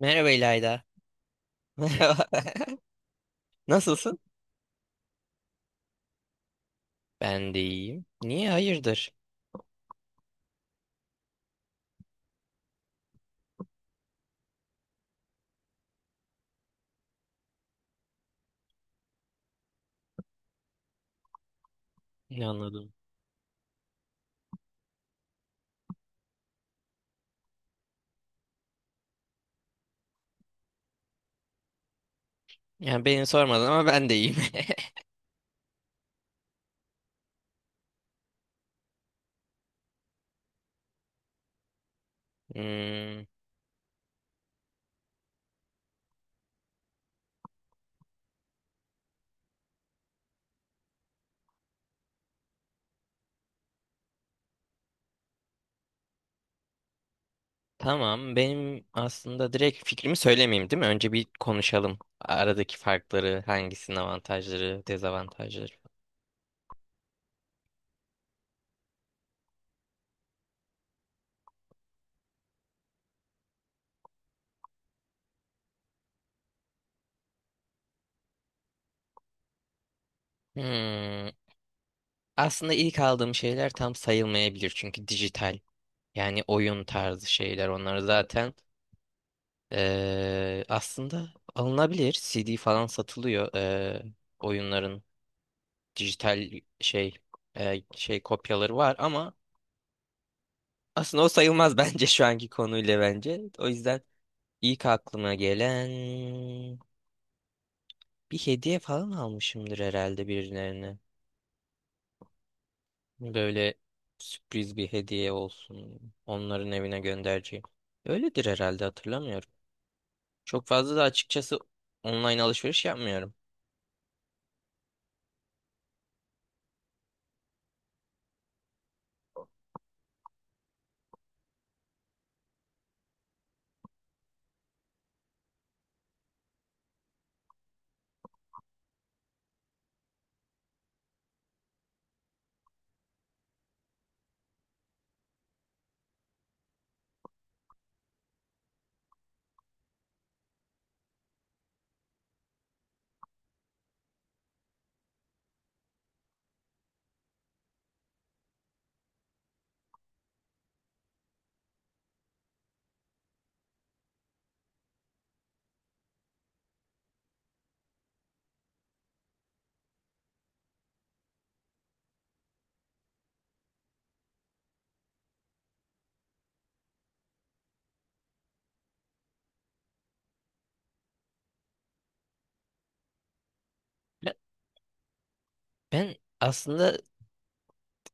Merhaba İlayda. Merhaba. Nasılsın? Ben de iyiyim. Niye hayırdır? Ne anladım. Yani beni sormadın ama ben de iyiyim. Hmm, tamam. Benim aslında direkt fikrimi söylemeyeyim değil mi? Önce bir konuşalım. Aradaki farkları, hangisinin avantajları, dezavantajları. Hmm, aslında ilk aldığım şeyler tam sayılmayabilir çünkü dijital. Yani oyun tarzı şeyler. Onları zaten aslında alınabilir. CD falan satılıyor. Oyunların dijital şey şey kopyaları var ama aslında o sayılmaz bence şu anki konuyla bence. O yüzden ilk aklıma gelen bir hediye falan almışımdır herhalde birilerine. Böyle sürpriz bir hediye olsun. Onların evine göndereceğim. Öyledir herhalde hatırlamıyorum. Çok fazla da açıkçası online alışveriş yapmıyorum. Ben ben aslında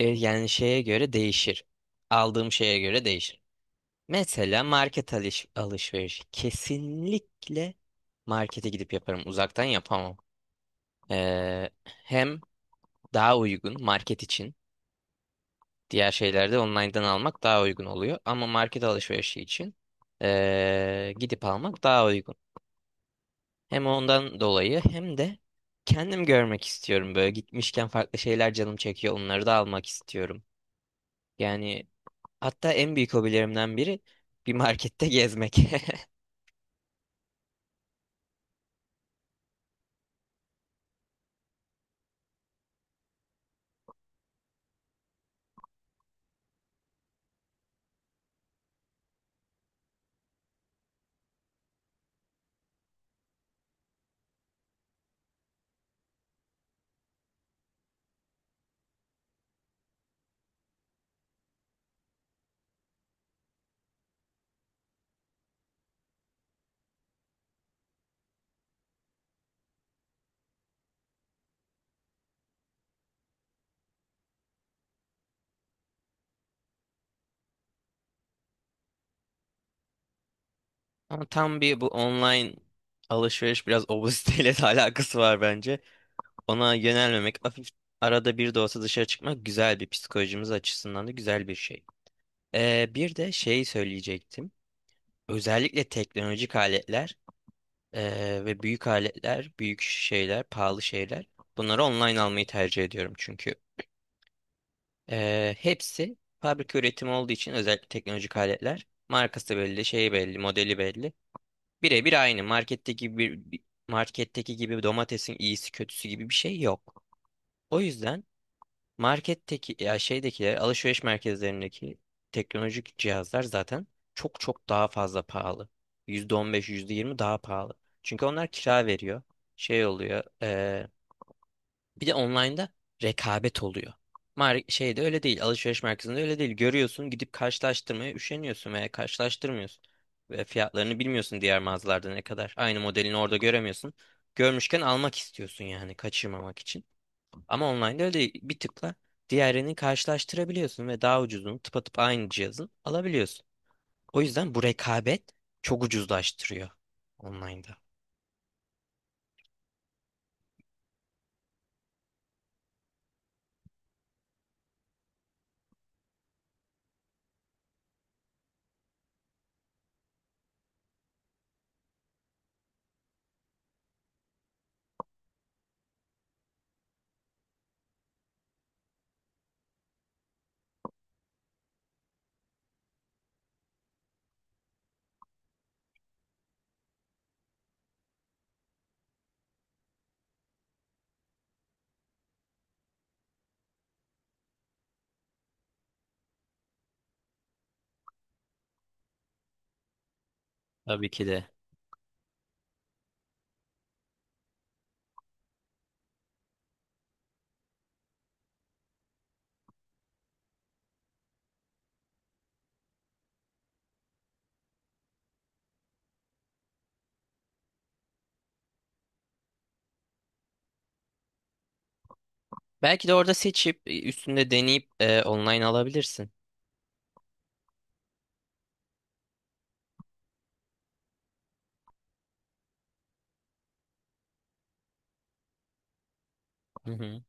Yani şeye göre değişir. Aldığım şeye göre değişir. Mesela market alış alışveriş. Kesinlikle markete gidip yaparım. Uzaktan yapamam. Hem daha uygun market için. Diğer şeylerde online'dan almak daha uygun oluyor. Ama market alışverişi için gidip almak daha uygun. Hem ondan dolayı hem de kendim görmek istiyorum. Böyle gitmişken farklı şeyler canım çekiyor. Onları da almak istiyorum. Yani hatta en büyük hobilerimden biri bir markette gezmek. Ama tam bir bu online alışveriş biraz obeziteyle de alakası var bence. Ona yönelmemek, hafif arada bir de olsa dışarı çıkmak güzel bir psikolojimiz açısından da güzel bir şey. Bir de şey söyleyecektim. Özellikle teknolojik aletler ve büyük aletler, büyük şeyler, pahalı şeyler. Bunları online almayı tercih ediyorum çünkü. Hepsi fabrika üretimi olduğu için özellikle teknolojik aletler. Markası belli, şeyi belli, modeli belli. Birebir aynı. Marketteki gibi domatesin iyisi kötüsü gibi bir şey yok. O yüzden marketteki ya şeydekiler, alışveriş merkezlerindeki teknolojik cihazlar zaten çok çok daha fazla pahalı. %15, yüzde yirmi daha pahalı. Çünkü onlar kira veriyor. Şey oluyor. Bir de online'da rekabet oluyor. Mar şeyde öyle değil. Alışveriş merkezinde öyle değil. Görüyorsun gidip karşılaştırmaya üşeniyorsun veya karşılaştırmıyorsun. Ve fiyatlarını bilmiyorsun diğer mağazalarda ne kadar. Aynı modelini orada göremiyorsun. Görmüşken almak istiyorsun yani kaçırmamak için. Ama online'da öyle değil. Bir tıkla diğerini karşılaştırabiliyorsun ve daha ucuzunu tıpatıp aynı cihazın alabiliyorsun. O yüzden bu rekabet çok ucuzlaştırıyor online'da. Tabii ki de. Belki de orada seçip üstünde deneyip online alabilirsin. Hı hı.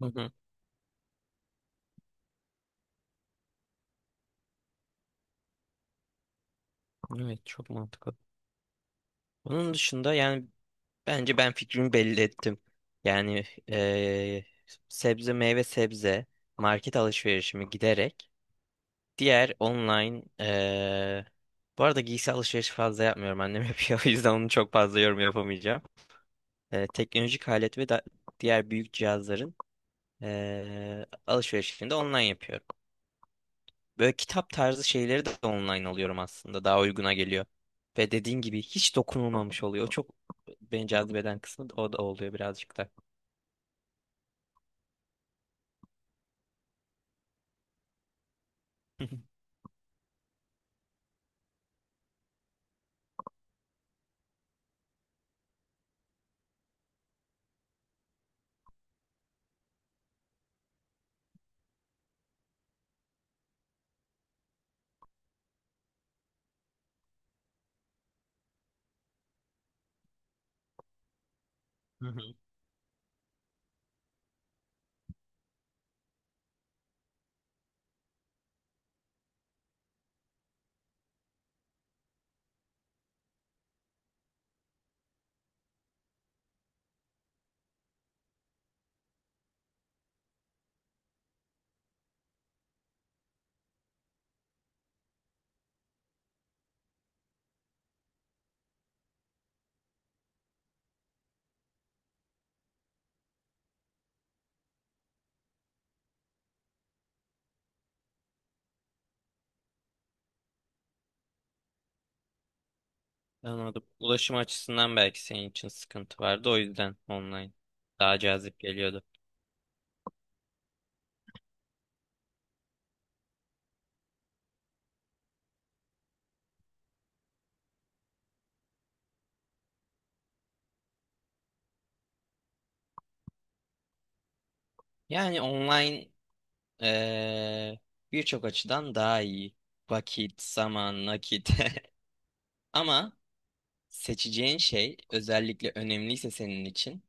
Hı hı. Evet, çok mantıklı. Onun dışında yani bence ben fikrimi belli ettim. Yani e, sebze market alışverişimi giderek diğer online bu arada giysi alışverişi fazla yapmıyorum annem yapıyor o yüzden onu çok fazla yorum yapamayacağım. Teknolojik alet ve da- diğer büyük cihazların alışverişini de online yapıyorum. Böyle kitap tarzı şeyleri de online alıyorum aslında. Daha uyguna geliyor. Ve dediğin gibi hiç dokunulmamış oluyor. O çok beni cazibeden kısmı da o da oluyor birazcık da. Hı hı. Anladım. Ulaşım açısından belki senin için sıkıntı vardı. O yüzden online daha cazip geliyordu. Yani online eee, birçok açıdan daha iyi. Vakit, zaman, nakit. Ama seçeceğin şey özellikle önemliyse senin için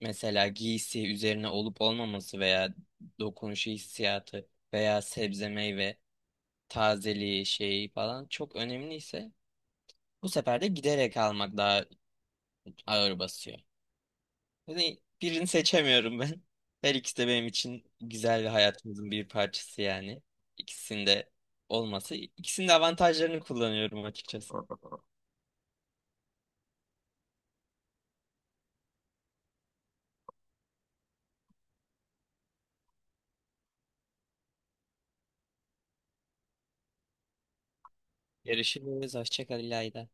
mesela giysi üzerine olup olmaması veya dokunuşu hissiyatı veya sebze meyve tazeliği şeyi falan çok önemliyse bu sefer de giderek almak daha ağır basıyor. Yani birini seçemiyorum ben. Her ikisi de benim için güzel ve hayatımızın bir parçası yani. İkisinde olması, ikisinin de avantajlarını kullanıyorum açıkçası. Görüşürüz. Hoşça kal İlayda.